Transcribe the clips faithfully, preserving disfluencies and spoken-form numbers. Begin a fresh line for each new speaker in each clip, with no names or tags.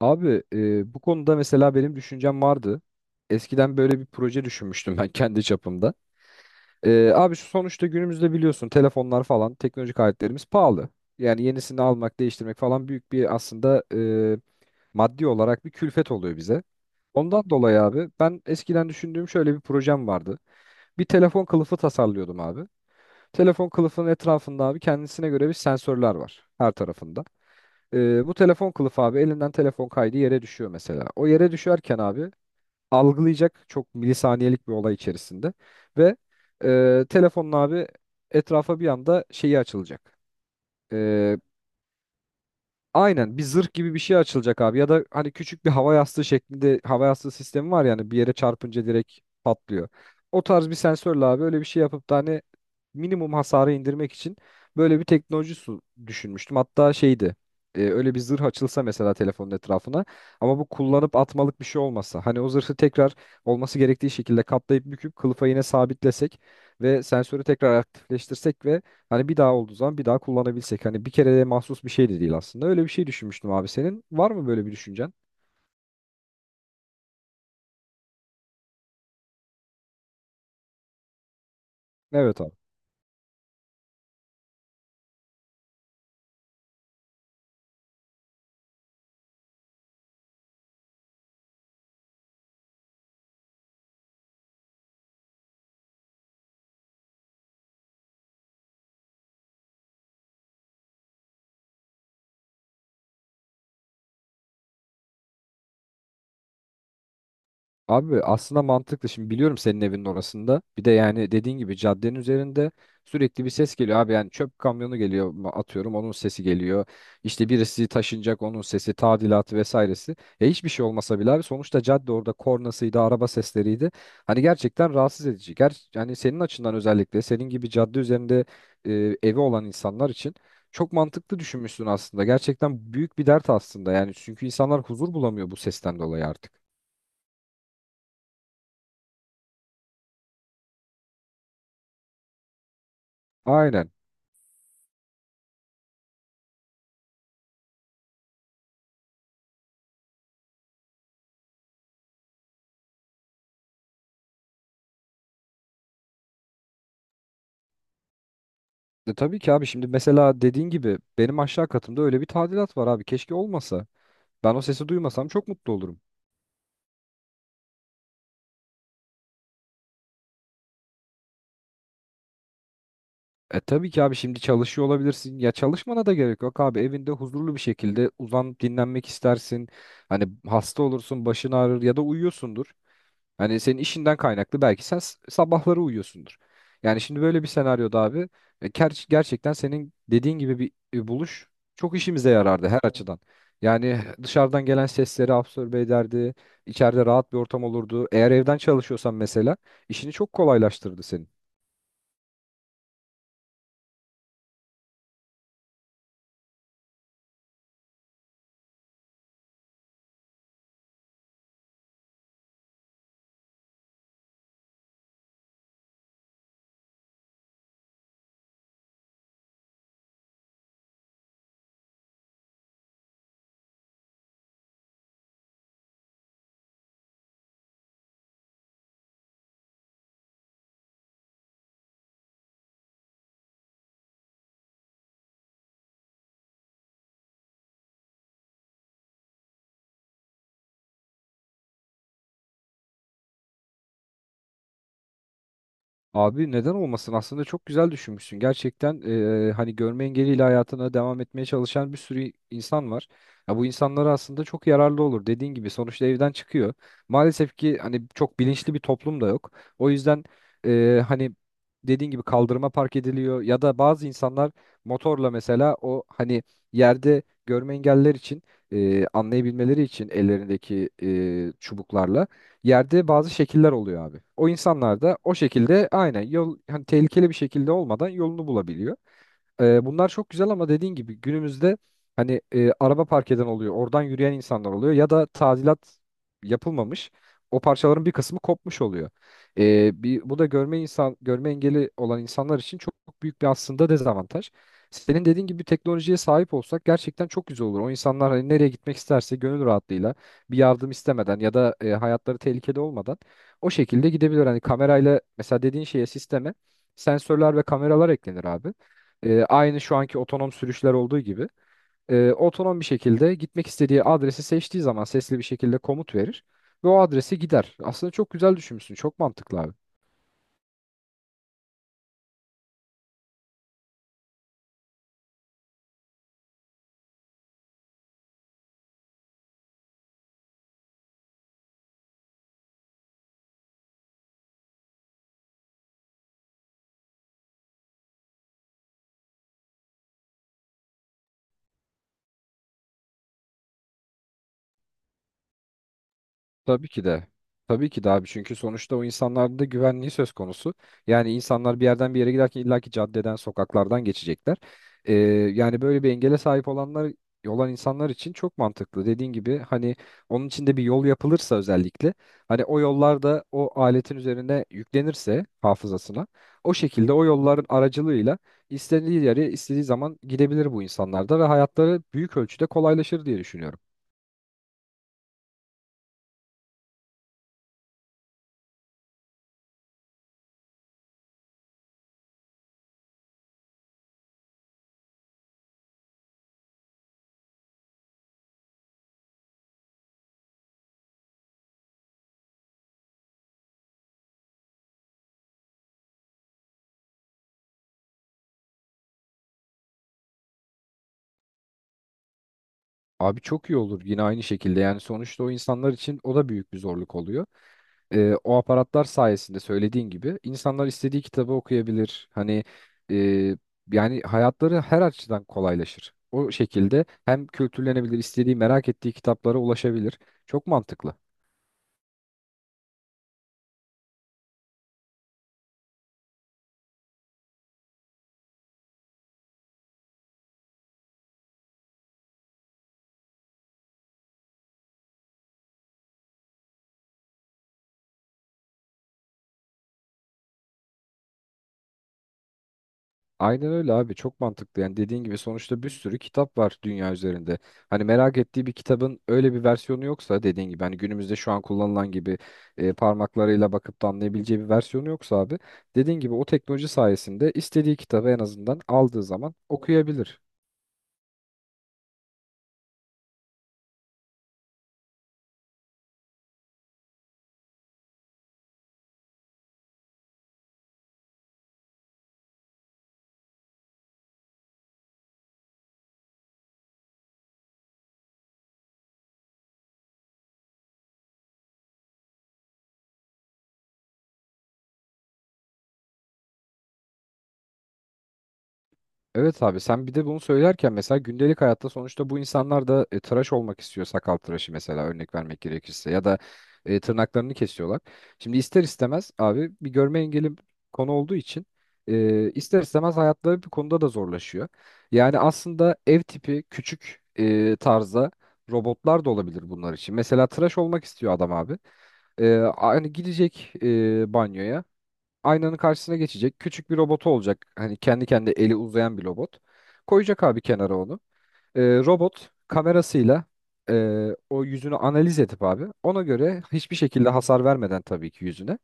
Abi e, bu konuda mesela benim düşüncem vardı. Eskiden böyle bir proje düşünmüştüm ben kendi çapımda. E, abi şu sonuçta günümüzde biliyorsun telefonlar falan teknolojik aletlerimiz pahalı. Yani yenisini almak, değiştirmek falan büyük bir aslında e, maddi olarak bir külfet oluyor bize. Ondan dolayı abi ben eskiden düşündüğüm şöyle bir projem vardı. Bir telefon kılıfı tasarlıyordum abi. Telefon kılıfının etrafında abi kendisine göre bir sensörler var her tarafında. Ee, bu telefon kılıfı abi elinden telefon kaydı yere düşüyor mesela. O yere düşerken abi algılayacak çok milisaniyelik bir olay içerisinde ve e, telefonun abi etrafa bir anda şeyi açılacak. Ee, aynen bir zırh gibi bir şey açılacak abi ya da hani küçük bir hava yastığı şeklinde hava yastığı sistemi var yani bir yere çarpınca direkt patlıyor. O tarz bir sensörle abi öyle bir şey yapıp da hani minimum hasarı indirmek için böyle bir teknoloji su düşünmüştüm. Hatta şeydi e, öyle bir zırh açılsa mesela telefonun etrafına ama bu kullanıp atmalık bir şey olmasa hani o zırhı tekrar olması gerektiği şekilde katlayıp büküp kılıfa yine sabitlesek ve sensörü tekrar aktifleştirsek ve hani bir daha olduğu zaman bir daha kullanabilsek hani bir kereye mahsus bir şey de değil aslında öyle bir şey düşünmüştüm abi senin var mı böyle bir düşüncen? Evet abi. Abi aslında mantıklı. Şimdi biliyorum senin evinin orasında. Bir de yani dediğin gibi caddenin üzerinde sürekli bir ses geliyor abi. Yani çöp kamyonu geliyor ma- atıyorum onun sesi geliyor. İşte birisi taşınacak onun sesi, tadilatı vesairesi. E hiçbir şey olmasa bile abi sonuçta cadde orada kornasıydı, araba sesleriydi. Hani gerçekten rahatsız edici. Ger yani senin açından özellikle senin gibi cadde üzerinde e, evi olan insanlar için çok mantıklı düşünmüşsün aslında. Gerçekten büyük bir dert aslında. Yani çünkü insanlar huzur bulamıyor bu sesten dolayı artık. Aynen. E tabii ki abi şimdi mesela dediğin gibi benim aşağı katımda öyle bir tadilat var abi keşke olmasa. Ben o sesi duymasam çok mutlu olurum. E tabii ki abi şimdi çalışıyor olabilirsin. Ya çalışmana da gerek yok abi. Evinde huzurlu bir şekilde uzanıp dinlenmek istersin. Hani hasta olursun, başın ağrır ya da uyuyorsundur. Hani senin işinden kaynaklı belki sen s- sabahları uyuyorsundur. Yani şimdi böyle bir senaryoda abi e, ger- gerçekten senin dediğin gibi bir e, buluş çok işimize yarardı her açıdan. Yani dışarıdan gelen sesleri absorbe ederdi. İçeride rahat bir ortam olurdu. Eğer evden çalışıyorsan mesela işini çok kolaylaştırdı senin. Abi neden olmasın? Aslında çok güzel düşünmüşsün. Gerçekten e, hani görme engeliyle hayatına devam etmeye çalışan bir sürü insan var. Ya bu insanlara aslında çok yararlı olur. Dediğin gibi sonuçta evden çıkıyor. Maalesef ki hani çok bilinçli bir toplum da yok. O yüzden e, hani dediğin gibi kaldırıma park ediliyor ya da bazı insanlar motorla mesela o hani yerde görme engelliler için e, anlayabilmeleri için ellerindeki e, çubuklarla yerde bazı şekiller oluyor abi. O insanlar da o şekilde aynen yol hani tehlikeli bir şekilde olmadan yolunu bulabiliyor. E, bunlar çok güzel ama dediğin gibi günümüzde hani e, araba park eden oluyor, oradan yürüyen insanlar oluyor ya da tadilat yapılmamış. O parçaların bir kısmı kopmuş oluyor. E, bir, bu da görme insan görme engeli olan insanlar için çok büyük bir aslında dezavantaj. Senin dediğin gibi teknolojiye sahip olsak gerçekten çok güzel olur. O insanlar hani nereye gitmek isterse gönül rahatlığıyla bir yardım istemeden ya da e, hayatları tehlikede olmadan o şekilde gidebilir. Hani kamerayla mesela dediğin şeye sisteme sensörler ve kameralar eklenir abi. E, aynı şu anki otonom sürüşler olduğu gibi e, otonom bir şekilde gitmek istediği adresi seçtiği zaman sesli bir şekilde komut verir ve o adrese gider. Aslında çok güzel düşünmüşsün. Çok mantıklı abi. Tabii ki de. Tabii ki de abi çünkü sonuçta o insanlarda da güvenliği söz konusu. Yani insanlar bir yerden bir yere giderken illaki caddeden, sokaklardan geçecekler. Ee, Yani böyle bir engele sahip olanlar olan insanlar için çok mantıklı. Dediğin gibi hani onun için de bir yol yapılırsa özellikle hani o yollarda o aletin üzerine yüklenirse hafızasına o şekilde o yolların aracılığıyla istediği yere istediği zaman gidebilir bu insanlar da ve hayatları büyük ölçüde kolaylaşır diye düşünüyorum. Abi çok iyi olur yine aynı şekilde yani sonuçta o insanlar için o da büyük bir zorluk oluyor. Ee, o aparatlar sayesinde söylediğin gibi insanlar istediği kitabı okuyabilir. Hani e, yani hayatları her açıdan kolaylaşır. O şekilde hem kültürlenebilir, istediği merak ettiği kitaplara ulaşabilir. Çok mantıklı. Aynen öyle abi çok mantıklı yani dediğin gibi sonuçta bir sürü kitap var dünya üzerinde. Hani merak ettiği bir kitabın öyle bir versiyonu yoksa dediğin gibi hani günümüzde şu an kullanılan gibi e, parmaklarıyla bakıp da anlayabileceği bir versiyonu yoksa abi dediğin gibi o teknoloji sayesinde istediği kitabı en azından aldığı zaman okuyabilir. Evet abi sen bir de bunu söylerken mesela gündelik hayatta sonuçta bu insanlar da e, tıraş olmak istiyor sakal tıraşı mesela örnek vermek gerekirse ya da e, tırnaklarını kesiyorlar. Şimdi ister istemez abi bir görme engeli konu olduğu için e, ister istemez hayatları bir konuda da zorlaşıyor. Yani aslında ev tipi küçük e, tarzda robotlar da olabilir bunlar için. Mesela tıraş olmak istiyor adam abi. E, hani gidecek e, banyoya aynanın karşısına geçecek. Küçük bir robotu olacak. Hani kendi kendi eli uzayan bir robot. Koyacak abi kenara onu. Ee, robot kamerasıyla e, o yüzünü analiz edip abi ona göre hiçbir şekilde hasar vermeden tabii ki yüzüne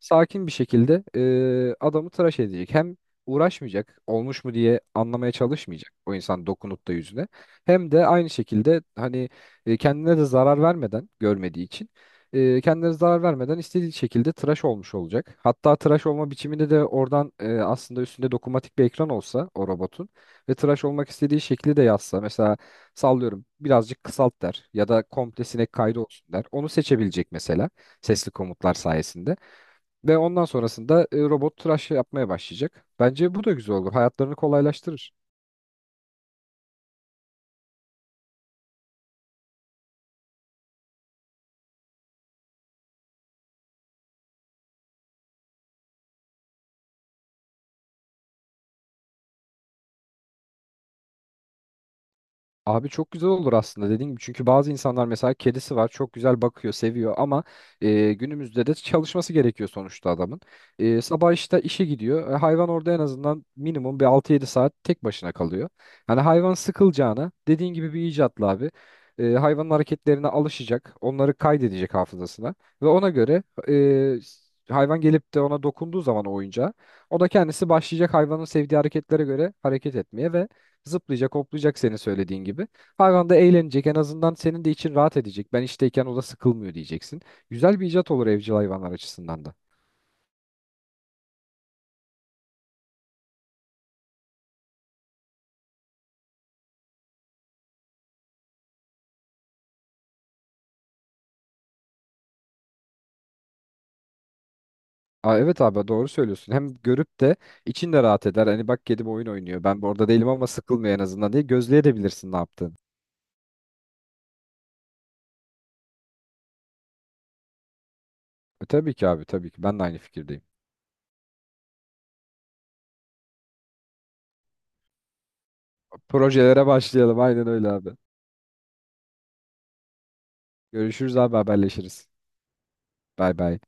sakin bir şekilde e, adamı tıraş edecek. Hem uğraşmayacak, olmuş mu diye anlamaya çalışmayacak o insan dokunup da yüzüne. Hem de aynı şekilde hani e, kendine de zarar vermeden görmediği için e, kendine zarar vermeden istediği şekilde tıraş olmuş olacak. Hatta tıraş olma biçiminde de oradan e, aslında üstünde dokunmatik bir ekran olsa o robotun ve tıraş olmak istediği şekli de yazsa mesela sallıyorum birazcık kısalt der ya da komple sinek kaydı olsun der. Onu seçebilecek mesela sesli komutlar sayesinde. Ve ondan sonrasında e, robot tıraş yapmaya başlayacak. Bence bu da güzel olur. Hayatlarını kolaylaştırır. Abi çok güzel olur aslında dediğim gibi. Çünkü bazı insanlar mesela kedisi var çok güzel bakıyor seviyor ama e, günümüzde de çalışması gerekiyor sonuçta adamın. E, sabah işte işe gidiyor. E, hayvan orada en azından minimum bir altı yedi saat tek başına kalıyor. Hani hayvan sıkılacağına dediğin gibi bir icatla abi. E, hayvanın hareketlerine alışacak. Onları kaydedecek hafızasına. Ve ona göre e, hayvan gelip de ona dokunduğu zaman o oyuncağa o da kendisi başlayacak hayvanın sevdiği hareketlere göre hareket etmeye ve zıplayacak, hoplayacak senin söylediğin gibi. Hayvan da eğlenecek. En azından senin de için rahat edecek. Ben işteyken o da sıkılmıyor diyeceksin. Güzel bir icat olur evcil hayvanlar açısından da. Aa, evet abi doğru söylüyorsun. Hem görüp de için de rahat eder. Hani bak kedim oyun oynuyor. Ben bu orada değilim ama sıkılmıyor en azından diye gözleyebilirsin ne yaptığını. E, tabii ki abi tabii ki. Ben de aynı fikirdeyim. Projelere başlayalım. Aynen öyle abi. Görüşürüz abi haberleşiriz. Bay bay.